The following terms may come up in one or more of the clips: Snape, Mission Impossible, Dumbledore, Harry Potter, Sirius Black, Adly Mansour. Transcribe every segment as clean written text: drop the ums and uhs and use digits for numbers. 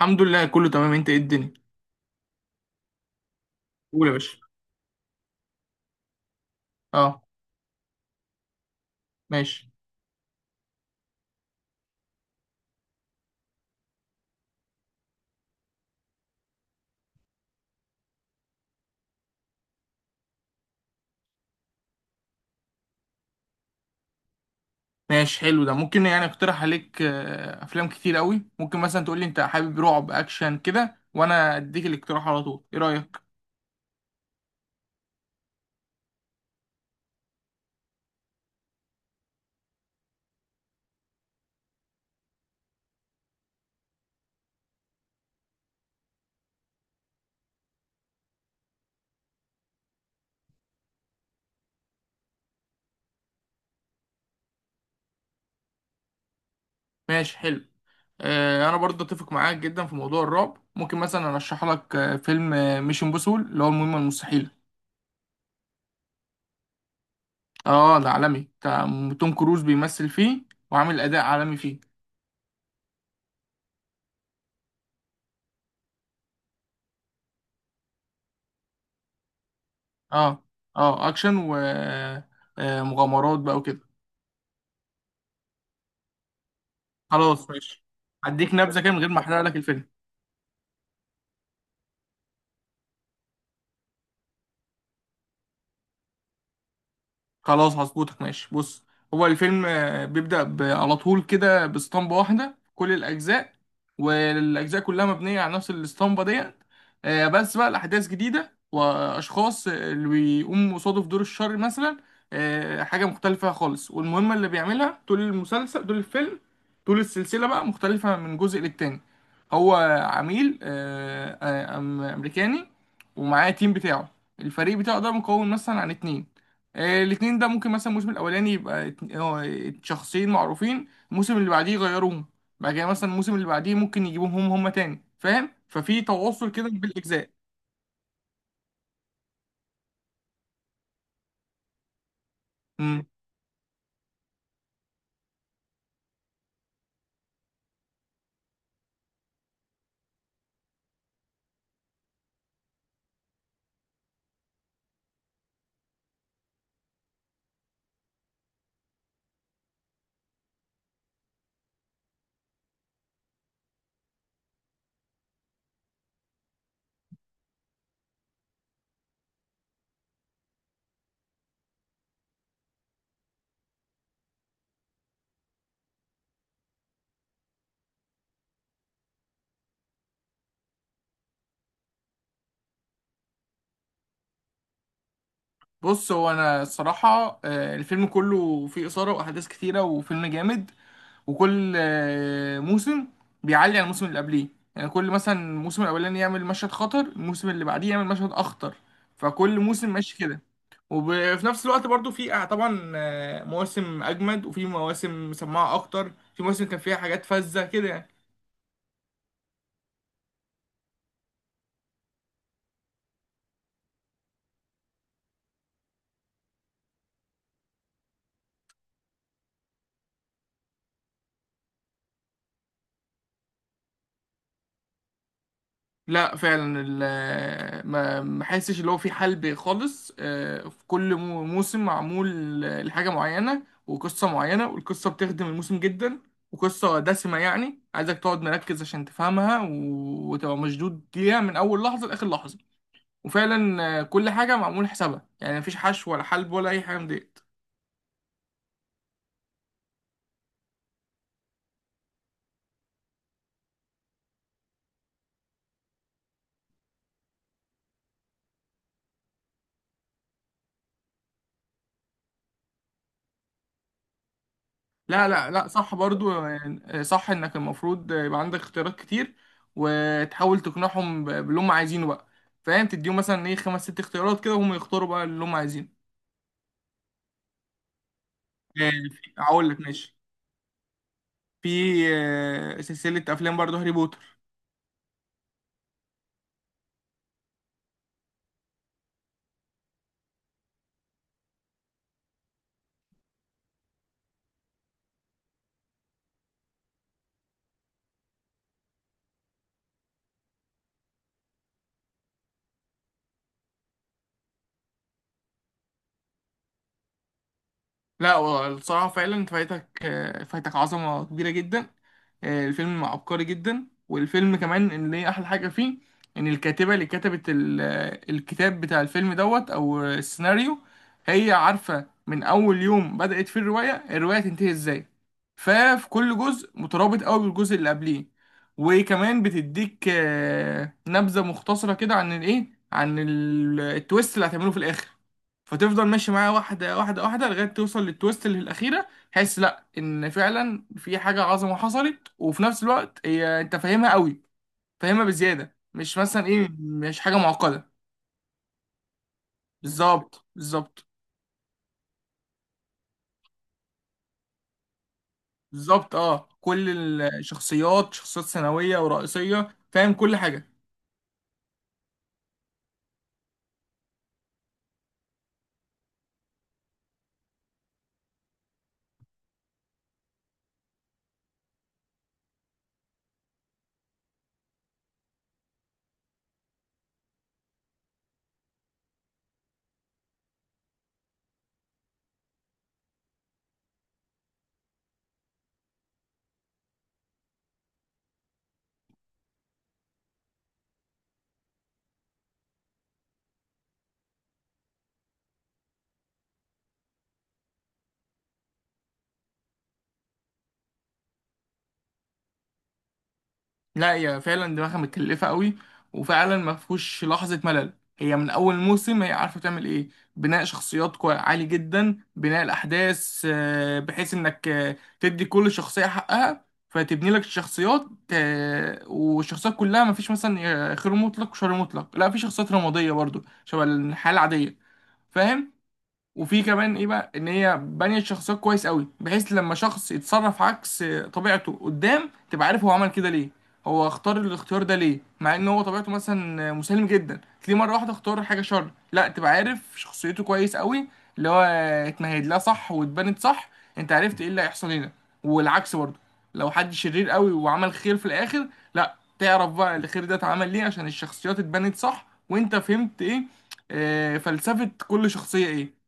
الحمد لله، كله تمام. انت، ايه الدنيا؟ قول يا باشا. اه. ماشي. ماشي حلو. ده ممكن يعني اقترح عليك افلام كتير قوي. ممكن مثلا تقول لي انت حابب رعب، اكشن كده، وانا اديك الاقتراح على طول. ايه رايك؟ ماشي حلو. انا برضه اتفق معاك جدا في موضوع الرعب. ممكن مثلا ارشح لك فيلم ميشن امبوسول، اللي هو المهمه المستحيله. اه، ده عالمي بتاع توم كروز. بيمثل فيه، وعامل اداء عالمي فيه. اه، اه، اكشن و مغامرات بقى وكده. خلاص، ماشي. هديك نبذه كده من غير ما احرق لك الفيلم. خلاص، هظبطك. ماشي، بص. هو الفيلم بيبدأ على طول كده باسطمبة واحدة كل الأجزاء. والأجزاء كلها مبنية على نفس الاسطمبة ديت. بس بقى الأحداث جديدة، وأشخاص اللي بيقوموا قصاده في دور الشر مثلا. حاجة مختلفة خالص. والمهمة اللي بيعملها طول المسلسل، طول الفيلم، طول السلسلة بقى، مختلفة من جزء للتاني. هو عميل أمريكاني، ومعاه تيم بتاعه، الفريق بتاعه ده مكون مثلا عن اتنين. الاتنين ده، ممكن مثلا الموسم الاولاني يبقى شخصين معروفين، الموسم اللي بعديه يغيروهم. بعد كده مثلا الموسم اللي بعديه ممكن يجيبوهم هم، هما تاني. فاهم؟ ففي تواصل كده بالاجزاء. مم. بص، هو انا الصراحه الفيلم كله فيه اثاره واحداث كتيره، وفيلم جامد. وكل موسم بيعلي عن الموسم اللي قبليه. يعني كل مثلا الموسم الاولاني يعمل مشهد خطر، الموسم اللي بعديه يعمل مشهد اخطر. فكل موسم ماشي كده. وفي نفس الوقت برضو في طبعا مواسم اجمد، وفي مواسم مسمعه اكتر، في مواسم كان فيها حاجات فذة كده يعني. لا فعلا، ما حسش اللي هو في حل خالص. في كل موسم معمول لحاجة معينة وقصة معينة، والقصة بتخدم الموسم جدا. وقصة دسمة، يعني عايزك تقعد مركز عشان تفهمها، و- وتبقى مشدود ليها من أول لحظة لآخر لحظة. وفعلا، كل حاجة معمول حسابها. يعني مفيش حشو ولا حلب ولا أي حاجة من دي. لا، لا، لا، صح برضو. يعني صح انك المفروض يبقى عندك اختيارات كتير، وتحاول تقنعهم باللي هم عايزينه بقى. فاهم؟ تديهم مثلا ايه، خمس ست اختيارات كده، وهم يختاروا بقى اللي هم عايزينه. هقول لك، ماشي. في سلسلة افلام برضو، هاري بوتر. لا، هو الصراحة فعلا انت فايتك عظمة كبيرة جدا. الفيلم عبقري جدا. والفيلم كمان، اللي هي أحلى حاجة فيه، إن الكاتبة اللي كتبت الكتاب بتاع الفيلم دوت، أو السيناريو، هي عارفة من أول يوم بدأت فيه الرواية، الرواية تنتهي إزاي. ففي كل جزء مترابط أوي بالجزء اللي قبليه. وكمان بتديك نبذة مختصرة كده عن الإيه، عن التويست اللي هتعمله في الآخر. فتفضل ماشي معاها واحدة واحدة واحدة لغاية توصل للتويست اللي الأخيرة، تحس لأ إن فعلا في حاجة عظمة حصلت. وفي نفس الوقت هي أنت فاهمها قوي، فاهمها بزيادة، مش مثلا إيه، مش حاجة معقدة. بالظبط، بالظبط، بالظبط. أه، كل الشخصيات، شخصيات ثانوية ورئيسية، فاهم كل حاجة. لا، هي فعلا دماغها متكلفة قوي. وفعلا ما فيهوش لحظة ملل. هي من أول موسم، هي عارفة تعمل إيه. بناء شخصيات عالي جدا، بناء الأحداث بحيث إنك تدي كل شخصية حقها، فتبني لك الشخصيات. والشخصيات كلها ما فيش مثلا خير مطلق وشر مطلق، لا، في شخصيات رمادية برضو شبه الحالة العادية. فاهم. وفي كمان ايه بقى، ان هي بانيه الشخصيات كويس قوي، بحيث لما شخص يتصرف عكس طبيعته قدام تبقى عارف هو عمل كده ليه. هو اختار الاختيار ده ليه؟ مع ان هو طبيعته مثلا مسالم جدا، تلاقيه مره واحده اختار حاجه شر، لا، تبقى عارف شخصيته كويس قوي، اللي هو اتمهد لها صح واتبنت صح، انت عرفت ايه اللي هيحصل هنا. والعكس برضه، لو حد شرير قوي وعمل خير في الاخر، لا، تعرف بقى الخير ده اتعمل ليه، عشان الشخصيات اتبنت صح وانت فهمت ايه، فلسفة كل شخصية ايه.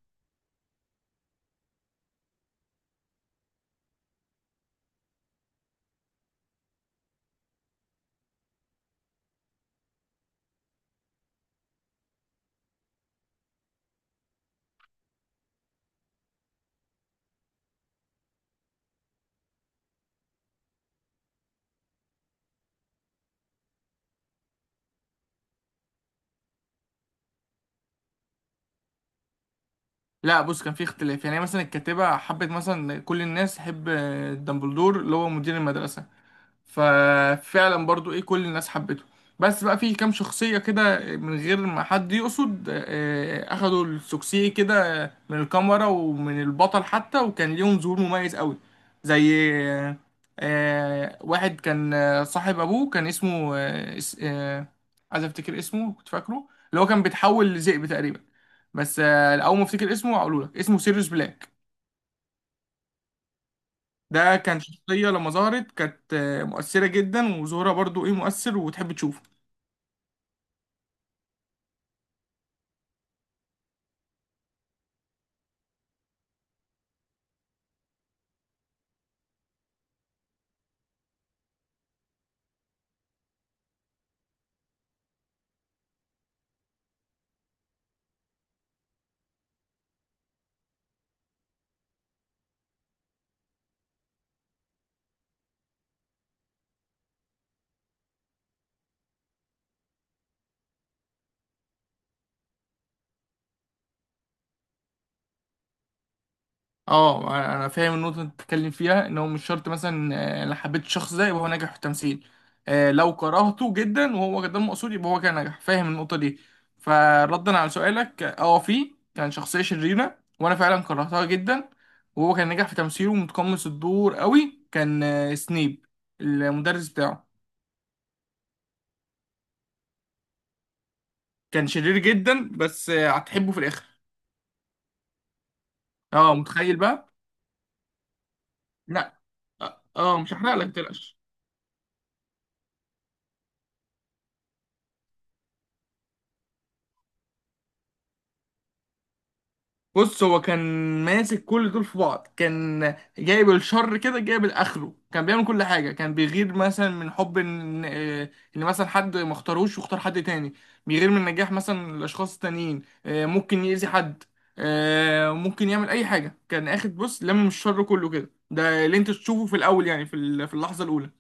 لا بص، كان في اختلاف. يعني مثلا الكاتبة حبت مثلا كل الناس تحب دامبلدور، اللي هو مدير المدرسة. ففعلا برضو ايه، كل الناس حبته. بس بقى في كام شخصية كده، من غير ما حد يقصد، اخدوا السوكسيه كده من الكاميرا ومن البطل حتى، وكان ليهم ظهور مميز قوي. زي واحد كان صاحب ابوه، كان اسمه عايز افتكر اسمه، كنت فاكره، اللي هو كان بيتحول لذئب تقريبا. بس اول ما افتكر اسمه هقوله لك. اسمه سيريوس بلاك. ده كان شخصية، لما ظهرت كانت مؤثرة جدا، وظهورها برضو ايه مؤثر، وتحب تشوفه. اه، انا فاهم النقطة اللي انت بتتكلم فيها. ان هو مش شرط مثلا، لو حبيت الشخص ده يبقى هو ناجح في التمثيل. لو كرهته جدا وهو ده المقصود يبقى هو كان ناجح. فاهم النقطة دي؟ فردا على سؤالك، اه، في كان شخصية شريرة وانا فعلا كرهتها جدا، وهو كان ناجح في تمثيله ومتقمص الدور قوي. كان سنيب، المدرس بتاعه. كان شرير جدا، بس هتحبه في الاخر. اه، متخيل بقى. لا، اه، مش هحرق لك، متقلقش. بص، هو كان ماسك كل دول في بعض. كان جايب الشر كده، جايب الاخره. كان بيعمل كل حاجه. كان بيغير مثلا من حب ان مثلا حد ما اختاروش واختار حد تاني. بيغير من نجاح مثلا الاشخاص التانيين، ممكن يأذي حد، ممكن يعمل اي حاجه. كان اخد، بص، لم الشر كله كده. ده اللي انت تشوفه في الاول، يعني في اللحظه الاولى.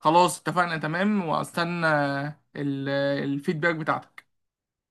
خلاص، اتفقنا تمام. واستنى ال- الفيدباك بتاعتك.